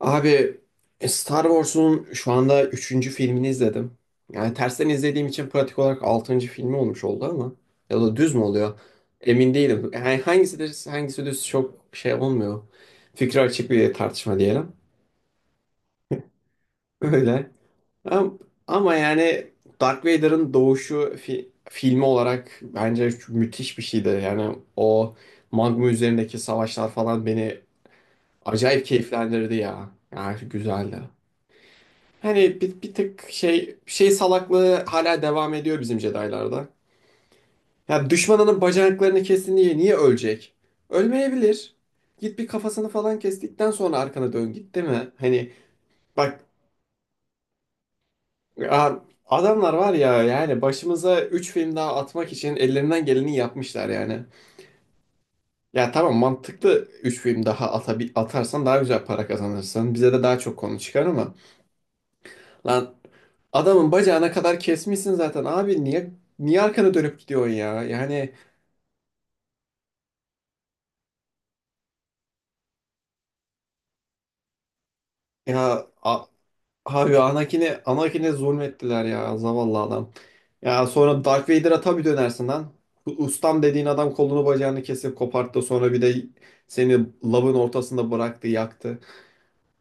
Abi Star Wars'un şu anda üçüncü filmini izledim. Yani tersten izlediğim için pratik olarak altıncı filmi olmuş oldu ama ya da düz mü oluyor? Emin değilim. Yani hangisi düz, hangisi düz çok şey olmuyor. Fikri açık bir tartışma diyelim. Öyle. Ama, ama yani Darth Vader'ın doğuşu filmi olarak bence çok müthiş bir şeydi. Yani o Magnum üzerindeki savaşlar falan beni acayip keyiflendirdi ya. Yani güzeldi. Hani bir tık şey salaklığı hala devam ediyor bizim Jedi'larda. Ya düşmanının bacaklarını kestin diye niye ölecek? Ölmeyebilir. Git bir kafasını falan kestikten sonra arkana dön git, değil mi? Hani bak, a- adamlar var ya, yani başımıza 3 film daha atmak için ellerinden geleni yapmışlar yani. Ya tamam, mantıklı, 3 film daha atarsan daha güzel para kazanırsın. Bize de daha çok konu çıkar ama lan, adamın bacağına kadar kesmişsin zaten abi, niye arkana dönüp gidiyorsun ya? Yani ya abi, Anakin'e zulmettiler ya, zavallı adam. Ya sonra Darth Vader'a tabii dönersin lan. Bu ustam dediğin adam kolunu bacağını kesip koparttı, sonra bir de seni lavın ortasında bıraktı yaktı.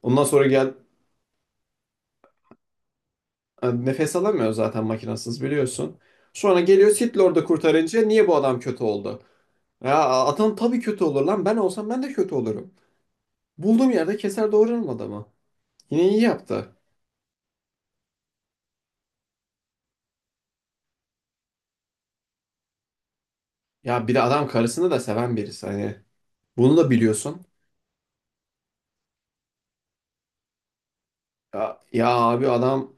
Ondan sonra gel, nefes alamıyor zaten makinasız, biliyorsun. Sonra geliyor Sith Lord'u kurtarınca, niye bu adam kötü oldu? Ya adam tabii kötü olur lan, ben olsam ben de kötü olurum. Bulduğum yerde keser doğrarım adamı. Yine iyi yaptı. Ya bir de adam karısını da seven birisi hani. Bunu da biliyorsun. Ya, abi adam...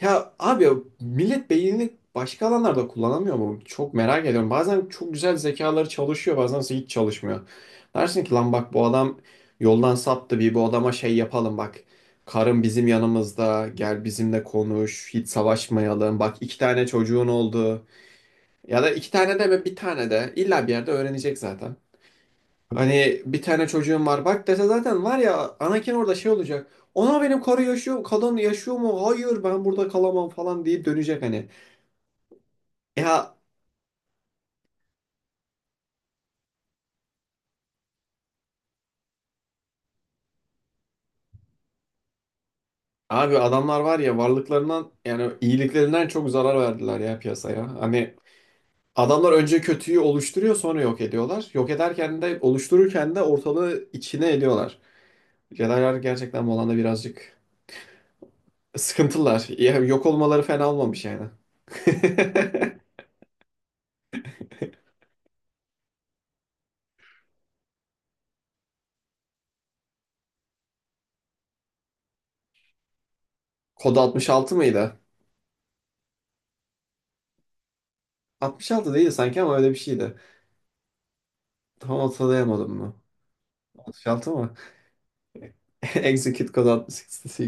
Ya abi, millet beynini başka alanlarda kullanamıyor mu? Çok merak ediyorum. Bazen çok güzel zekaları çalışıyor, bazen ise hiç çalışmıyor. Dersin ki lan bak, bu adam yoldan saptı, bir bu adama şey yapalım bak. Karın bizim yanımızda, gel bizimle konuş, hiç savaşmayalım. Bak iki tane çocuğun oldu. Ya da iki tane de ve bir tane de illa bir yerde öğrenecek zaten. Hani bir tane çocuğum var bak dese zaten var ya, Anakin orada şey olacak. Ona benim karı yaşıyor, kadın yaşıyor mu? Hayır ben burada kalamam falan deyip dönecek hani. Ya abi, adamlar var ya, varlıklarından yani iyiliklerinden çok zarar verdiler ya piyasaya. Hani adamlar önce kötüyü oluşturuyor, sonra yok ediyorlar. Yok ederken de oluştururken de ortalığı içine ediyorlar. Jedi'lar gerçekten bu alanda birazcık sıkıntılar. Ya, yok olmaları fena olmamış yani. Kod 66 mıydı? 66 değil sanki ama öyle bir şeydi. Tam hatırlayamadım mı? 66 mı? Execute Code 66.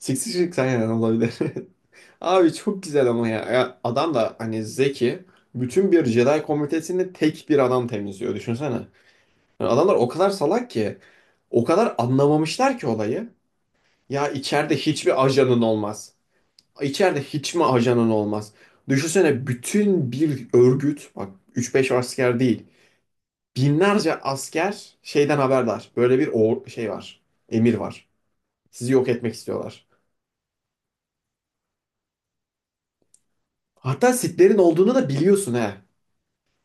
66 aynen olabilir. Abi çok güzel ama ya. Ya adam da hani zeki. Bütün bir Jedi komitesini tek bir adam temizliyor. Düşünsene. Yani adamlar o kadar salak ki. O kadar anlamamışlar ki olayı. Ya içeride hiçbir ajanın olmaz. İçeride hiç mi ajanın olmaz? Düşünsene bütün bir örgüt. Bak, 3-5 asker değil. Binlerce asker şeyden haberdar. Böyle bir o şey var. Emir var. Sizi yok etmek istiyorlar. Hatta Sith'lerin olduğunu da biliyorsun he.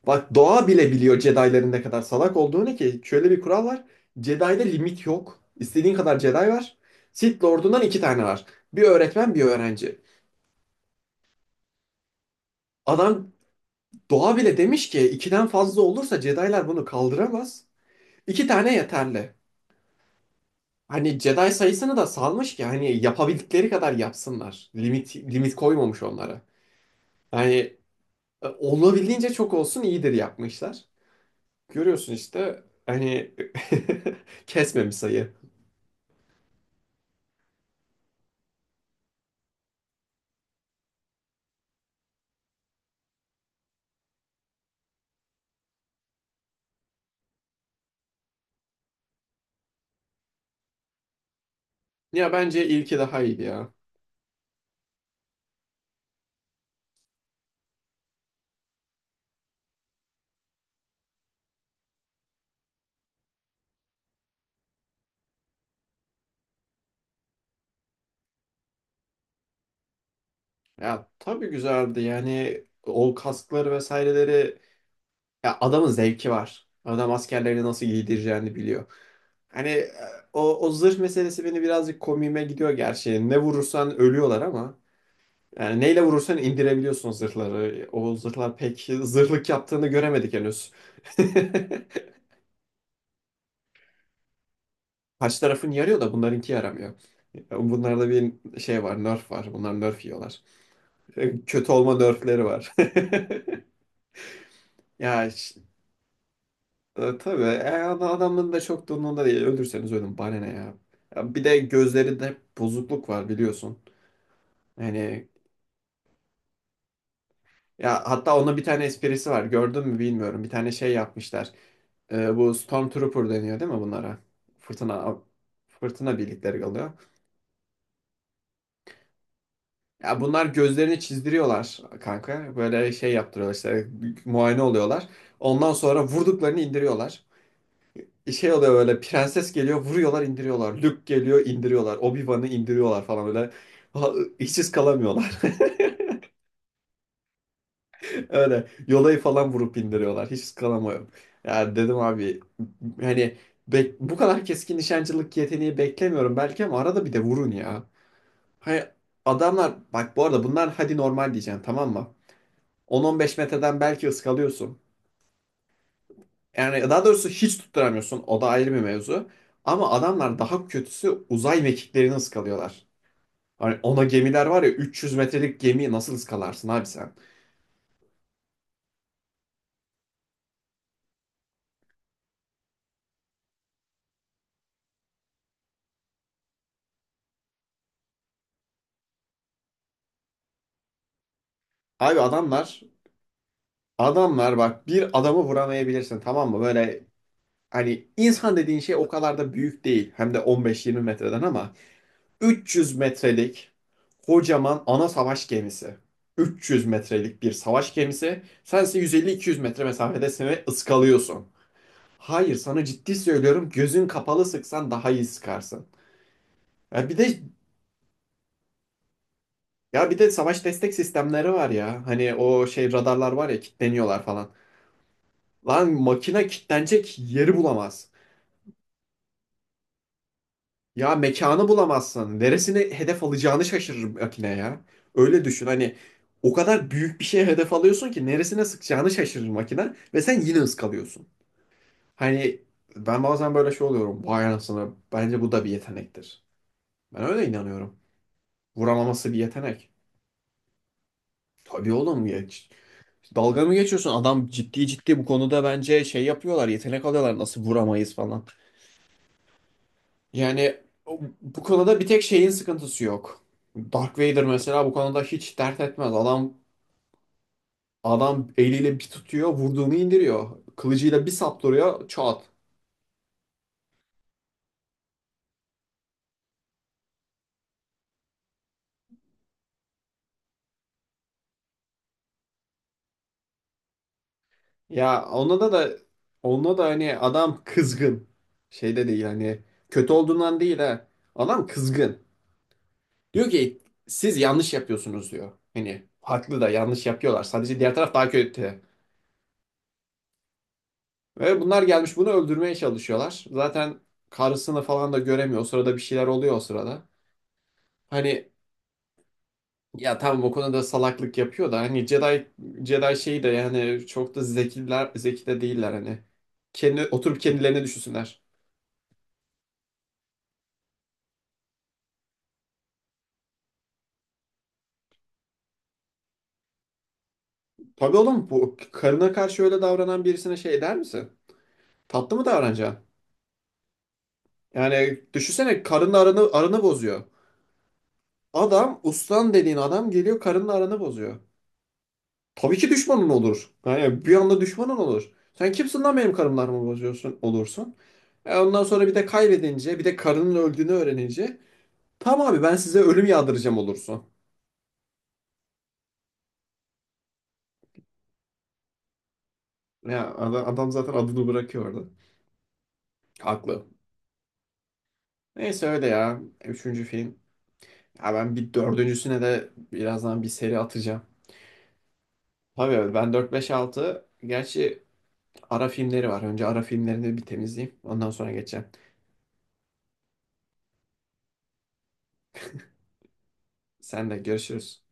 Bak, doğa bile biliyor Jedi'ların ne kadar salak olduğunu ki. Şöyle bir kural var. Jedi'de limit yok. İstediğin kadar Jedi var. Sith Lord'undan iki tane var. Bir öğretmen bir öğrenci. Adam, doğa bile demiş ki ikiden fazla olursa Jedi'lar bunu kaldıramaz. İki tane yeterli. Hani Jedi sayısını da salmış ki hani yapabildikleri kadar yapsınlar. Limit limit koymamış onlara. Hani olabildiğince çok olsun iyidir yapmışlar. Görüyorsun işte hani kesmemiş sayı. Ya bence ilki daha iyiydi ya. Ya tabii güzeldi yani o kaskları vesaireleri. Ya adamın zevki var. Adam askerlerini nasıl giydireceğini biliyor. Hani o zırh meselesi beni birazcık komiğime gidiyor gerçi. Ne vurursan ölüyorlar ama. Yani neyle vurursan indirebiliyorsun zırhları. O zırhlar pek zırhlık yaptığını göremedik henüz. Kaç tarafın yarıyor da bunlarınki yaramıyor. Bunlarda bir şey var, nerf var. Bunlar nerf yiyorlar. Kötü olma nerfleri var. Ya, tabii, adamın da çok da umurunda değil. Ölürseniz ölün bana ne ya. Ya bir de gözlerinde bozukluk var, biliyorsun. Hani, ya hatta onun bir tane esprisi var. Gördün mü bilmiyorum. Bir tane şey yapmışlar. Bu Stormtrooper deniyor değil mi bunlara? Fırtına fırtına birlikleri oluyor. Ya bunlar gözlerini çizdiriyorlar kanka. Böyle şey yaptırıyorlar işte, muayene oluyorlar. Ondan sonra vurduklarını indiriyorlar. Şey oluyor böyle, prenses geliyor vuruyorlar indiriyorlar. Luke geliyor indiriyorlar. Obi-Wan'ı indiriyorlar falan böyle. Ha, hiçsiz kalamıyorlar. Öyle yola'yı falan vurup indiriyorlar. Hiçsiz kalamıyorum. Yani dedim abi, hani bu kadar keskin nişancılık yeteneği beklemiyorum belki ama arada bir de vurun ya. Hani adamlar, bak bu arada, bunlar hadi normal diyeceksin tamam mı? 10-15 metreden belki ıskalıyorsun. Yani daha doğrusu hiç tutturamıyorsun. O da ayrı bir mevzu. Ama adamlar daha kötüsü uzay mekiklerini ıskalıyorlar. Hani ona gemiler var ya, 300 metrelik gemiyi nasıl ıskalarsın abi sen? Abi adamlar bak, bir adamı vuramayabilirsin tamam mı? Böyle hani insan dediğin şey o kadar da büyük değil. Hem de 15-20 metreden, ama 300 metrelik kocaman ana savaş gemisi. 300 metrelik bir savaş gemisi. Sense 150-200 metre mesafedesin ve ıskalıyorsun. Hayır sana ciddi söylüyorum, gözün kapalı sıksan daha iyi sıkarsın. Ya bir de Ya bir de savaş destek sistemleri var ya. Hani o şey radarlar var ya, kilitleniyorlar falan. Lan makine kilitlenecek yeri bulamaz. Ya mekanı bulamazsın. Neresini hedef alacağını şaşırır makine ya. Öyle düşün hani, o kadar büyük bir şeye hedef alıyorsun ki neresine sıkacağını şaşırır makine ve sen yine ıskalıyorsun. Hani ben bazen böyle şey oluyorum. Vay anasını, bence bu da bir yetenektir. Ben öyle inanıyorum. Vuramaması bir yetenek. Tabii oğlum ya. Dalga mı geçiyorsun? Adam ciddi ciddi bu konuda bence şey yapıyorlar, yetenek alıyorlar nasıl vuramayız falan. Yani bu konuda bir tek şeyin sıkıntısı yok. Dark Vader mesela bu konuda hiç dert etmez. Adam eliyle bir tutuyor, vurduğunu indiriyor. Kılıcıyla bir saptırıyor, çat. Ya onda da onda da hani adam kızgın. Şeyde değil hani, kötü olduğundan değil ha. Adam kızgın. Diyor ki siz yanlış yapıyorsunuz diyor. Hani haklı da, yanlış yapıyorlar. Sadece diğer taraf daha kötü. Ve bunlar gelmiş bunu öldürmeye çalışıyorlar. Zaten karısını falan da göremiyor. O sırada bir şeyler oluyor o sırada. Hani, ya tamam o konuda salaklık yapıyor da, hani Jedi şeyi de yani çok da zekiler, zeki de değiller hani. Kendi oturup kendilerine düşünsünler. Tabii oğlum, bu karına karşı öyle davranan birisine şey der misin? Tatlı mı davranacaksın? Yani düşünsene, karının aranı bozuyor. Adam ustan dediğin adam geliyor karının aranı bozuyor. Tabii ki düşmanın olur. Yani bir anda düşmanın olur. Sen kimsin lan benim karımlarımı bozuyorsun olursun. Ondan sonra bir de kaybedince, bir de karının öldüğünü öğrenince, tamam abi ben size ölüm yağdıracağım olursun. Ya adam zaten adını bırakıyordu. Haklı. Neyse öyle ya. Üçüncü film. Ya ben bir dördüncüsüne de birazdan bir seri atacağım. Tabii öyle. Ben dört beş altı. Gerçi ara filmleri var. Önce ara filmlerini bir temizleyeyim. Ondan sonra geçeceğim. Sen de görüşürüz.